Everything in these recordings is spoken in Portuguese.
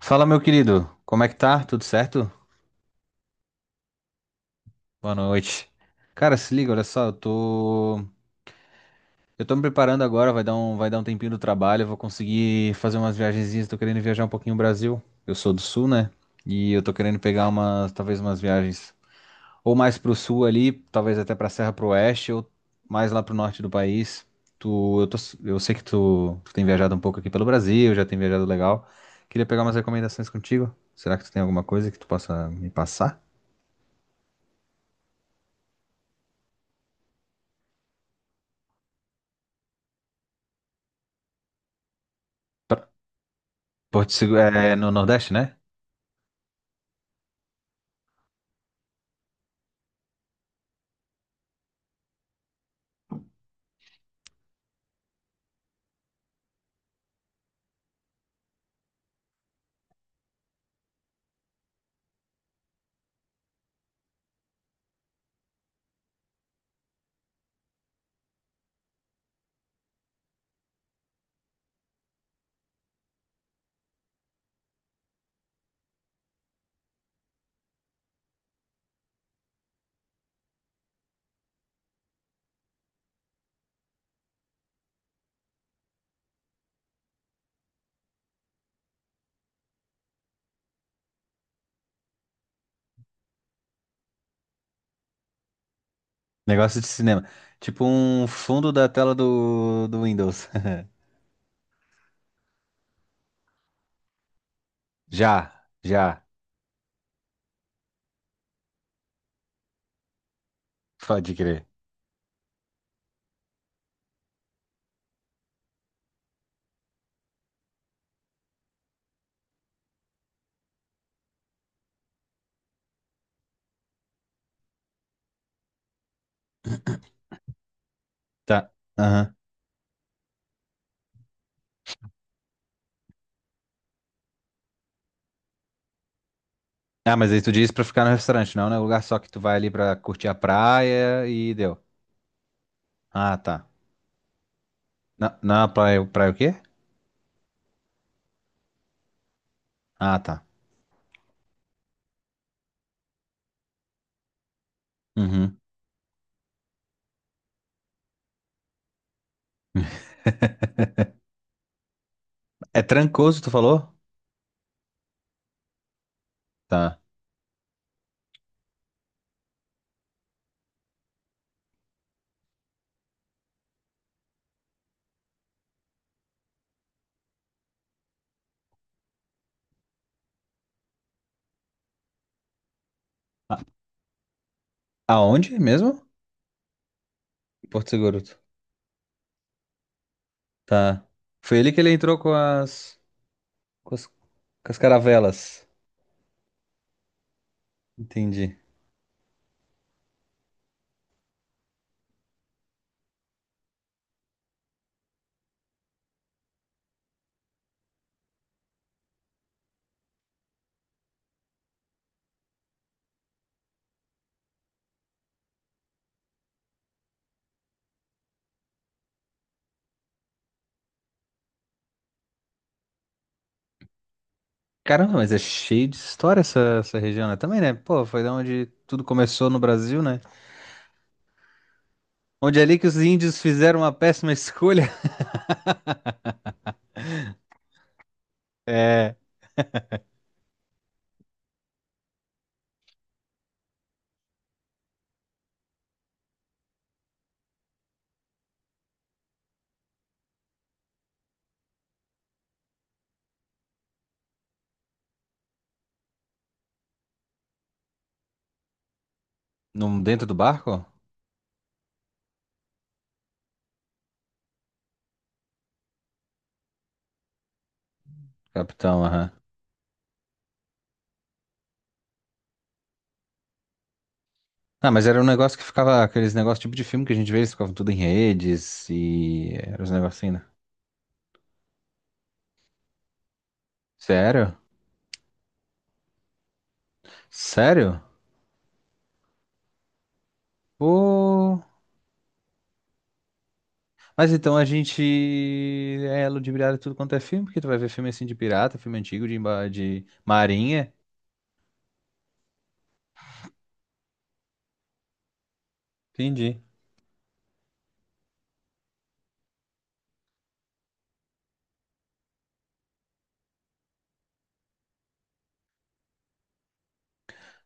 Fala, meu querido. Como é que tá? Tudo certo? Boa noite. Cara, se liga, olha só, eu tô me preparando agora, vai dar um tempinho do trabalho, eu vou conseguir fazer umas viagenzinhas, tô querendo viajar um pouquinho o Brasil. Eu sou do sul, né? E eu tô querendo pegar umas, talvez umas viagens ou mais pro sul ali, talvez até pra Serra pro Oeste ou mais lá pro norte do país. Tu, eu tô, eu sei que tu tem viajado um pouco aqui pelo Brasil, já tem viajado legal. Queria pegar umas recomendações contigo. Será que tu tem alguma coisa que tu possa me passar? Porto Seguro, é no Nordeste, né? Negócio de cinema. Tipo um fundo da tela do Windows. Já, já. Pode crer. Tá. Aham. Ah, mas aí tu disse pra ficar no restaurante, não, né? O lugar só que tu vai ali pra curtir a praia e deu. Ah, tá. Na, na praia, praia o quê? Ah, tá. Uhum. É Trancoso, tu falou? Tá. A- Aonde mesmo? Porto Seguro. Tá. Foi ele que ele entrou com as caravelas. Entendi. Caramba, mas é cheio de história essa, essa região, né? Também, né? Pô, foi da onde tudo começou no Brasil, né? Onde é ali que os índios fizeram uma péssima escolha. É. Num, dentro do barco? Capitão, aham. Ah, mas era um negócio que ficava, aqueles negócios tipo de filme que a gente vê, eles ficavam tudo em redes e era os negocinhos, né? Sério? Sério? Pô. Mas então a gente é ludibriado em tudo quanto é filme, porque tu vai ver filme assim de pirata, filme antigo, de, de marinha. Entendi.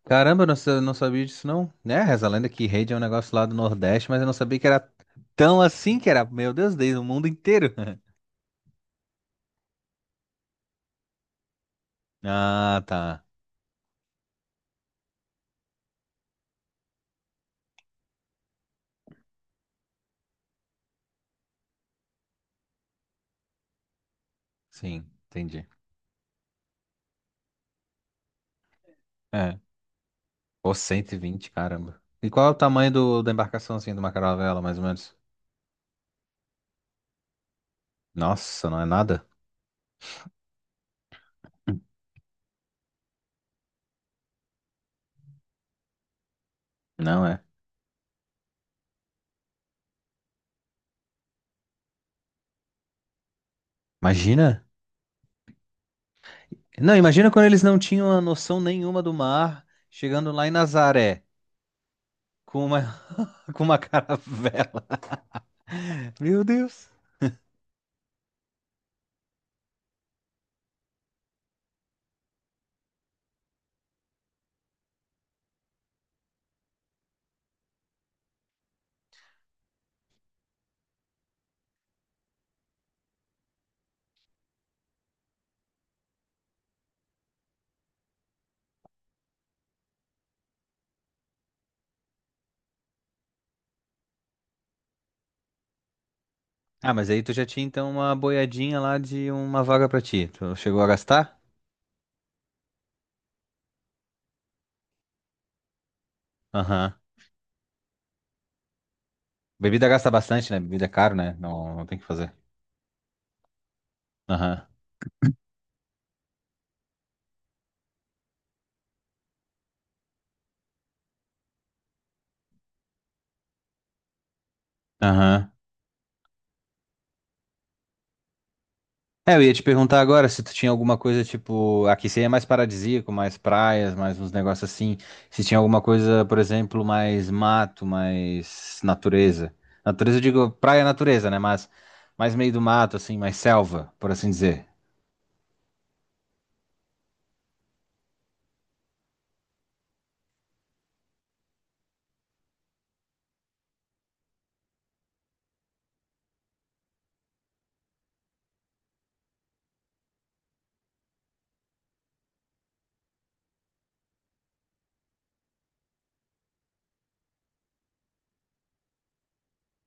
Caramba, eu não, não sabia disso não. Né? Reza a lenda que rede é um negócio lá do Nordeste, mas eu não sabia que era tão assim que era. Meu Deus, desde o mundo inteiro. Ah, tá. Sim, entendi. É. Pô, 120, caramba. E qual é o tamanho do, da embarcação assim, de uma caravela, mais ou menos? Nossa, não é nada? Não é. Imagina. Não, imagina quando eles não tinham a noção nenhuma do mar, chegando lá em Nazaré, com uma, com uma caravela. Meu Deus. Ah, mas aí tu já tinha então uma boiadinha lá de uma vaga pra ti. Tu chegou a gastar? Aham. Bebida gasta bastante, né? Bebida é caro, né? Não, não tem o que fazer. Aham. Aham. É, eu ia te perguntar agora se tu tinha alguma coisa tipo. Aqui seria mais paradisíaco, mais praias, mais uns negócios assim. Se tinha alguma coisa, por exemplo, mais mato, mais natureza. Natureza, eu digo praia é natureza, né? Mas mais meio do mato, assim, mais selva, por assim dizer.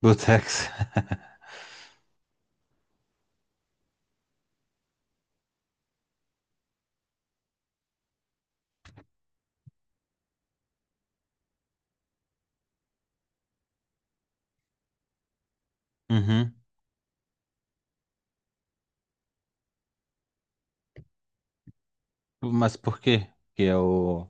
Botex. Uhum. Mas por quê? Porque é o.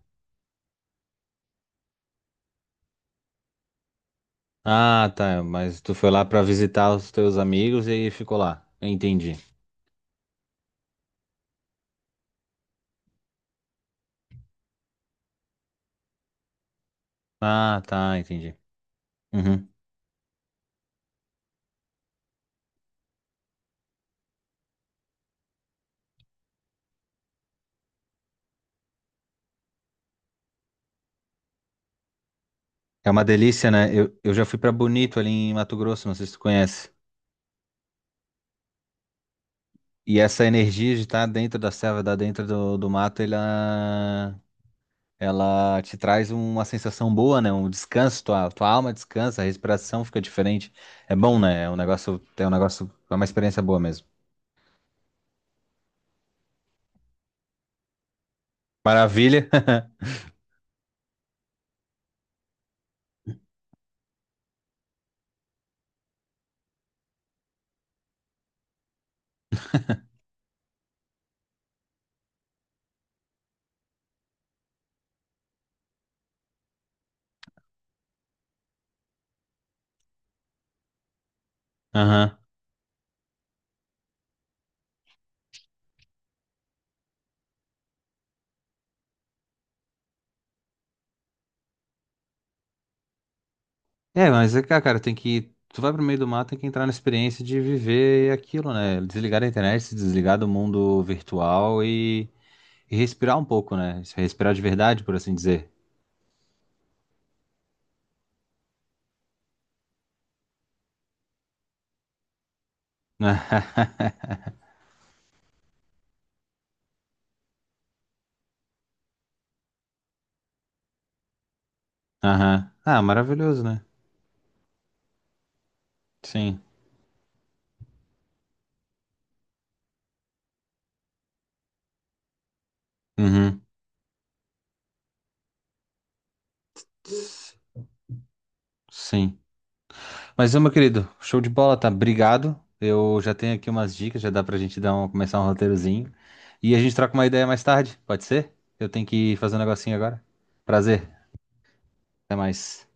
Ah, tá. Mas tu foi lá pra visitar os teus amigos e aí ficou lá. Entendi. Ah, tá, entendi. Uhum. É uma delícia, né? Eu já fui pra Bonito ali em Mato Grosso, não sei se tu conhece. E essa energia de estar dentro da selva, da dentro do mato, ela te traz uma sensação boa, né? Um descanso, tua alma descansa, a respiração fica diferente. É bom, né? É uma experiência boa mesmo. Maravilha. Aham. É, mas é que, ah, cara, tem que. Tu vai pro meio do mato tem que entrar na experiência de viver aquilo, né? Desligar da internet, se desligar do mundo virtual e respirar um pouco, né? Se respirar de verdade, por assim dizer. Aham. Ah, maravilhoso, né? Sim. Uhum. S- Sim. Mas, ô, meu querido, show de bola, tá? Obrigado. Eu já tenho aqui umas dicas, já dá pra gente dar um, começar um roteirozinho. E a gente troca uma ideia mais tarde, pode ser? Eu tenho que fazer um negocinho agora. Prazer, até mais.